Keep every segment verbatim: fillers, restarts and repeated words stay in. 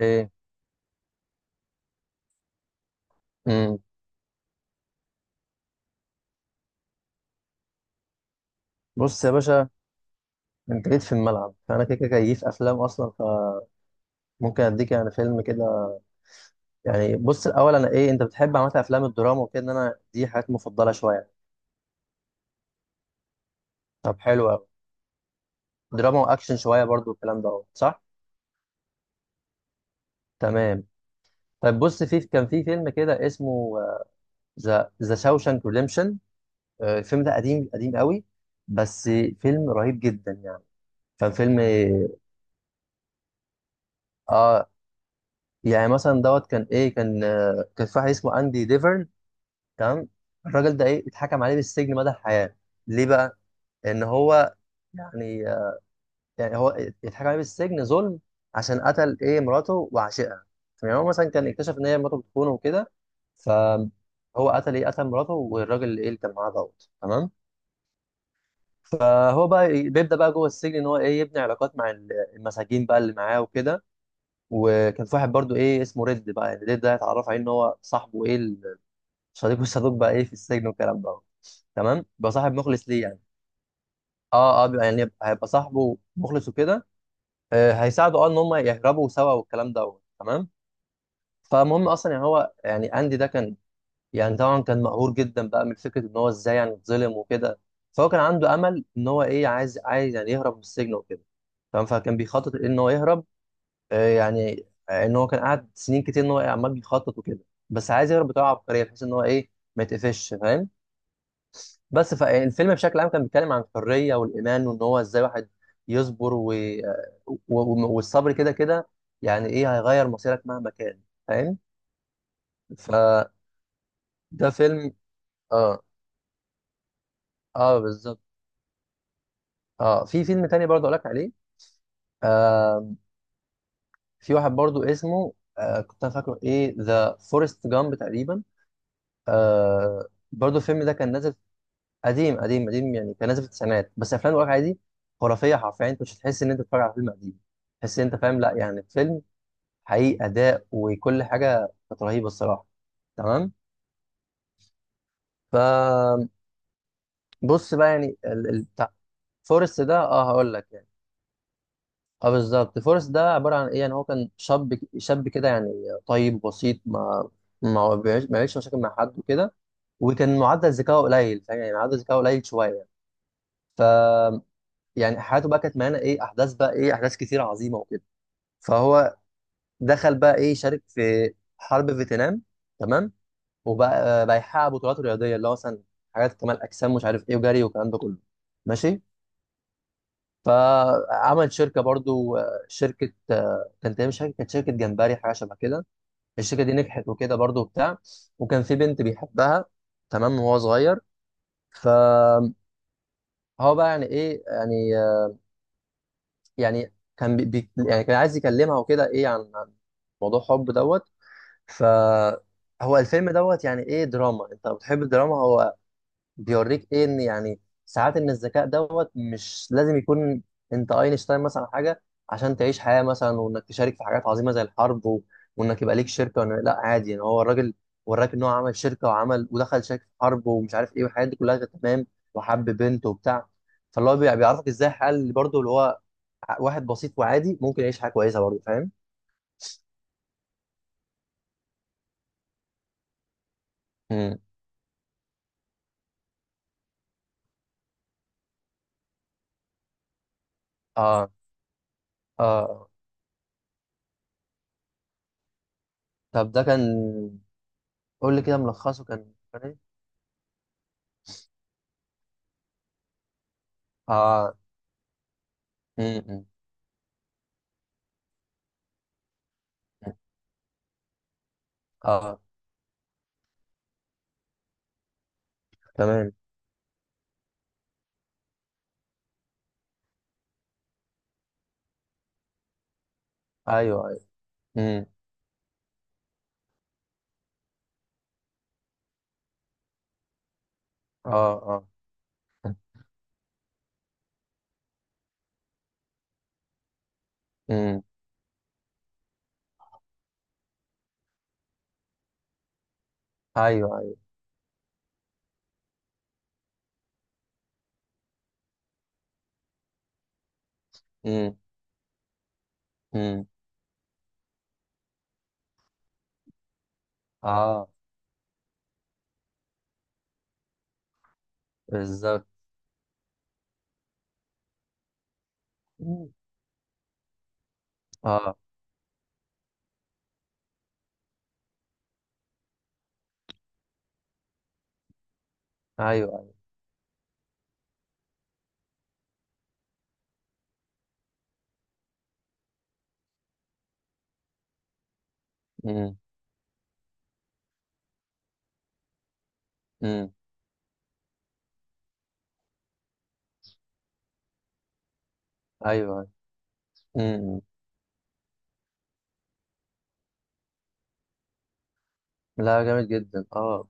ايه. امم. بص يا باشا. انت جيت في الملعب، فانا كده كده جاي في افلام اصلا. فممكن اديك يعني فيلم كده. يعني بص، الاول انا ايه انت بتحب عامه افلام الدراما وكده، ان انا دي حاجات مفضله شويه. طب حلو قوي. دراما واكشن شويه برضو، الكلام ده أهو، صح. تمام. طب بص، في كان في فيلم كده اسمه ذا ذا شاوشانك ريديمشن. آه، الفيلم ده قديم قديم قوي. بس فيلم رهيب جدا يعني. كان فيلم. اه يعني مثلا دوت كان ايه كان، آه، كان في واحد اسمه اندي ديفرن. تمام. الراجل ده ايه، اتحكم عليه بالسجن مدى الحياه. ليه بقى؟ ان هو يعني، يعني هو اتحكم عليه بالسجن ظلم عشان قتل ايه مراته وعشقها. يعني هو مثلا كان اكتشف ان هي مراته بتخونه وكده، فهو قتل ايه، قتل مراته والراجل ايه اللي كان معاه دوت. تمام. فهو بقى ي- بيبدا بقى جوه السجن ان هو ايه، يبني علاقات مع ال- المساجين بقى اللي معاه وكده. وكان في واحد برضو ايه اسمه ريد بقى، يعني ريد ده اتعرف عليه ان هو صاحبه ايه، صديق والصدوق بقى ايه في السجن والكلام ده. تمام بقى صاحب مخلص ليه يعني. اه اه، بيبقى يعني هيبقى صاحبه مخلص وكده. آه هيساعده اه ان هم يهربوا سوا والكلام ده. تمام. فالمهم اصلا يعني هو يعني اندي ده كان، يعني طبعا كان مقهور جدا بقى من فكره ان هو ازاي يعني اتظلم وكده. فهو كان عنده امل ان هو ايه، عايز عايز يعني يهرب من السجن وكده. تمام، فكان بيخطط ان هو يهرب. آه يعني آه، ان هو كان قاعد سنين كتير ان هو عمال بيخطط وكده. بس عايز يهرب بطريقه عبقريه بحيث ان هو ايه، ما يتقفش، فاهم؟ بس فالفيلم بشكل عام كان بيتكلم عن الحرية والإيمان وإن هو إزاي واحد يصبر و... و... و- والصبر كده كده، يعني إيه هيغير مصيرك مهما كان، فاهم؟ فده فيلم. آه، آه بالظبط. آه، في فيلم تاني برضه أقول لك عليه. آه، في واحد برضه اسمه آه، كنت أنا فاكره إيه، ذا فورست جامب تقريبا. آه، برضه الفيلم ده كان نازل. قديم قديم قديم، يعني كان نازل في التسعينات. بس أفلام الواقع دي خرافية حرفيا، أنت مش هتحس إن أنت بتتفرج على فيلم قديم. تحس إن أنت فاهم، لا يعني فيلم حقيقي، اداء وكل حاجه كانت رهيبه الصراحه. تمام. فبص بقى، يعني ال... ال... بتاع فورست ده اه هقول لك يعني. اه بالظبط، فورست ده عباره عن ايه، يعني هو كان شاب ك- شاب كده يعني، طيب بسيط. ما ما بيعيش- ما بيعيش مشاكل مع حد وكده، وكان معدل ذكائه قليل، فاهم؟ يعني معدل ذكائه قليل شويه يعني. ف يعني حياته بقى كانت مليانه ايه، احداث بقى ايه، احداث كتير عظيمه وكده. فهو دخل بقى ايه، شارك في حرب فيتنام. تمام. وبقى آه، بقى يحقق بطولات رياضيه، اللي هو مثلا حاجات كمال اجسام مش عارف ايه وجري والكلام ده كله. ماشي. فعمل شركه برضو، آه، شركه، آه، كانت تقريباً شركه، كانت شركه جمبري حاجه شبه كده. الشركه دي نجحت وكده برضو وبتاع. وكان في بنت بيحبها تمام وهو صغير. فهو بقى يعني ايه، يعني آه، يعني كان بي بي- يعني كان عايز يكلمها وكده ايه عن عن موضوع حب دوت. ف هو الفيلم دوت يعني ايه، دراما. انت لو بتحب الدراما، هو بيوريك ايه، ان يعني ساعات ان الذكاء دوت مش لازم يكون انت اينشتاين مثلا أو حاجه، عشان تعيش حياه مثلا، وانك تشارك في حاجات عظيمه زي الحرب و... وانك يبقى ليك شركه وإن... لا عادي يعني، هو الراجل وراك ان هو عمل شركه وعمل ودخل شركه في حرب ومش عارف ايه والحاجات دي كلها كانت تمام. وحب بنت وبتاع. فاللي هو بي- بيعرفك ازاي الحياه اللي برضه اللي هو ع- واحد بسيط وعادي ممكن يعيش حياه كويسه برضه، فاهم؟ امم. اه اه. طب ده كان. قول لي كده ملخصه، كان كان ايه؟ اه. امم. اه. تمام. ايوه ايوه. امم. اه اه. امم. ايوه ايوه. امم. امم. اه بالظبط. مم. اه. ايوه ايوه. امم. امم. ايوه ايوه. امم. لا جامد جدا اه.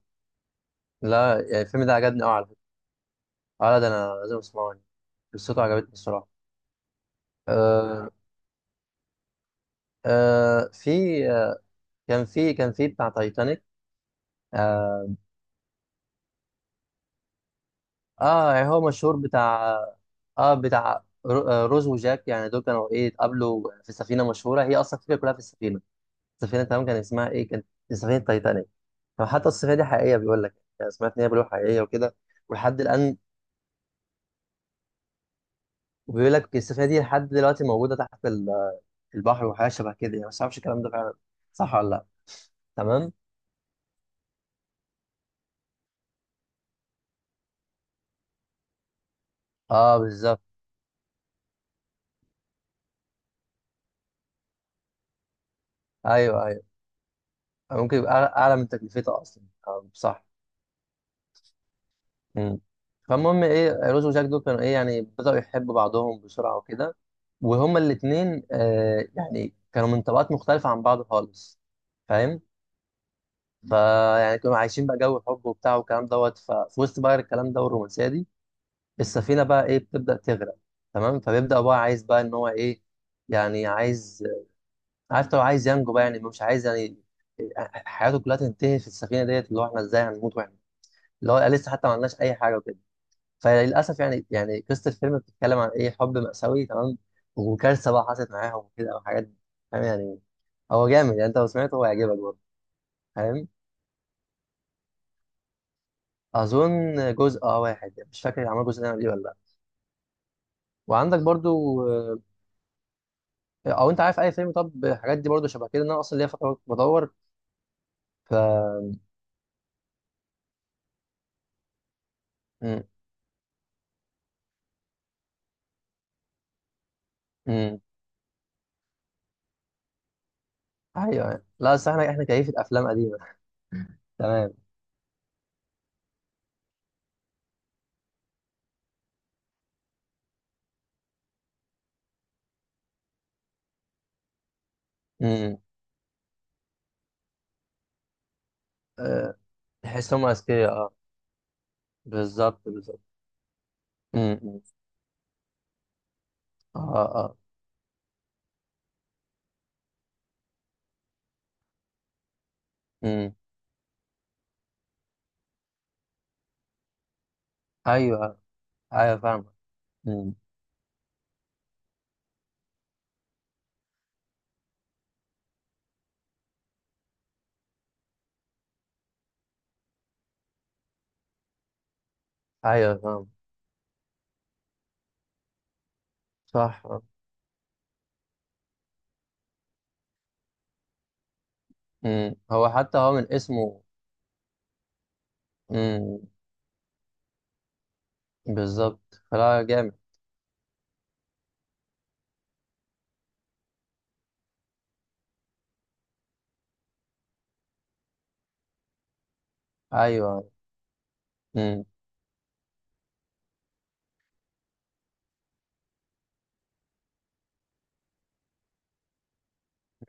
لا يعني الفيلم ده عجبني قوي على فكره. اه لا ده انا لازم اسمعه يعني، قصته عجبتني الصراحه. آه. آه. في آه كان في كان في بتاع تايتانيك. اه يعني هو مشهور بتاع. اه بتاع رو- آه، روز وجاك، يعني دول كانوا ايه، اتقابلوا في سفينه مشهوره، هي اصلا الفكره كلها في السفينه. السفينه تمام كان اسمها ايه، كانت سفينه تايتانيك. فحتى السفينه دي حقيقيه بيقول لك، يعني سمعت ان هي بيقولوا حقيقيه وكده. ولحد الان وبيقول لك السفينه دي لحد دلوقتي موجوده تحت ال- البحر وحاجه شبه كده يعني، بس ما اعرفش الكلام ده فعلا صح ولا لا. تمام. اه بالظبط. ايوه ايوه. ممكن يبقى اعلى أعلى من تكلفتها اصلا، آه، صح. مم. فالمهم ايه، روز وجاك دول كانوا ايه، يعني بدأوا يحبوا بعضهم بسرعة وكده. وهما الاتنين آه يعني كانوا من طبقات مختلفة عن بعض خالص، فاهم؟ فيعني كانوا عايشين بقى جو حب وبتاع والكلام دوت. ففي وسط بقى الكلام ده والرومانسية دي، السفينة بقى ايه بتبدأ تغرق. تمام، فبيبدأ بقى عايز بقى ان هو ايه، يعني عايز، عارف لو عايز ينجو بقى يعني، مش عايز يعني آه، حياته كلها تنتهي في السفينة ديت، اللي هو احنا ازاي هنموت واحنا اللي هو لسه حتى ما عملناش اي حاجة وكده. فللاسف يعني، يعني قصه الفيلم بتتكلم عن ايه، حب مأساوي. تمام. وكارثه بقى حصلت معاهم وكده او حاجات، فاهم يعني. هو جامد يعني، انت لو سمعته هو هيعجبك برضه. فاهم. اظن جزء اه واحد يعني، مش فاكر عمل جزء تاني ولا ايه ولا لا. وعندك برضو آه، او انت عارف اي فيلم؟ طب الحاجات دي برضو شبه كده ان انا اصلا ليا فتره بدور. ف امم. امم. ايوه يعني. لا بس احنا احنا كيفة افلام قديمه. تمام. امم. أه، تحس هم اذكياء اه. بالظبط بالظبط. امم. أمم. اه اه. امم. ايوه ايوه فاهم. مم. ايوه فاهم. صح. مم. هو حتى هو من اسمه. مم. بالظبط، فلا جامد. ايوه. مم.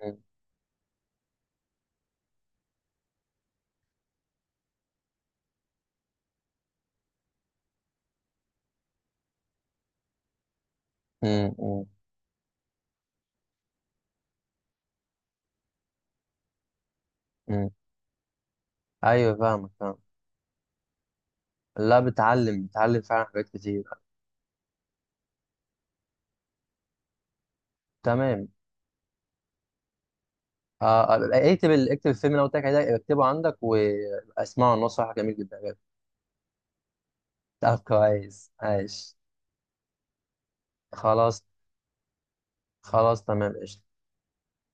مم. مم. مم. مم. ايوه فاهمك فاهم. لا بتعلم بتعلم فعلا حاجات كتير. تمام. آه آه، اكتب ال... اكتب الفيلم اللي أنا قلت لك عليه ده، اكتبه عندك واسمعه، النص صح جميل جدا بجد. طب كويس عايش. خلاص. خلاص تمام قشطة.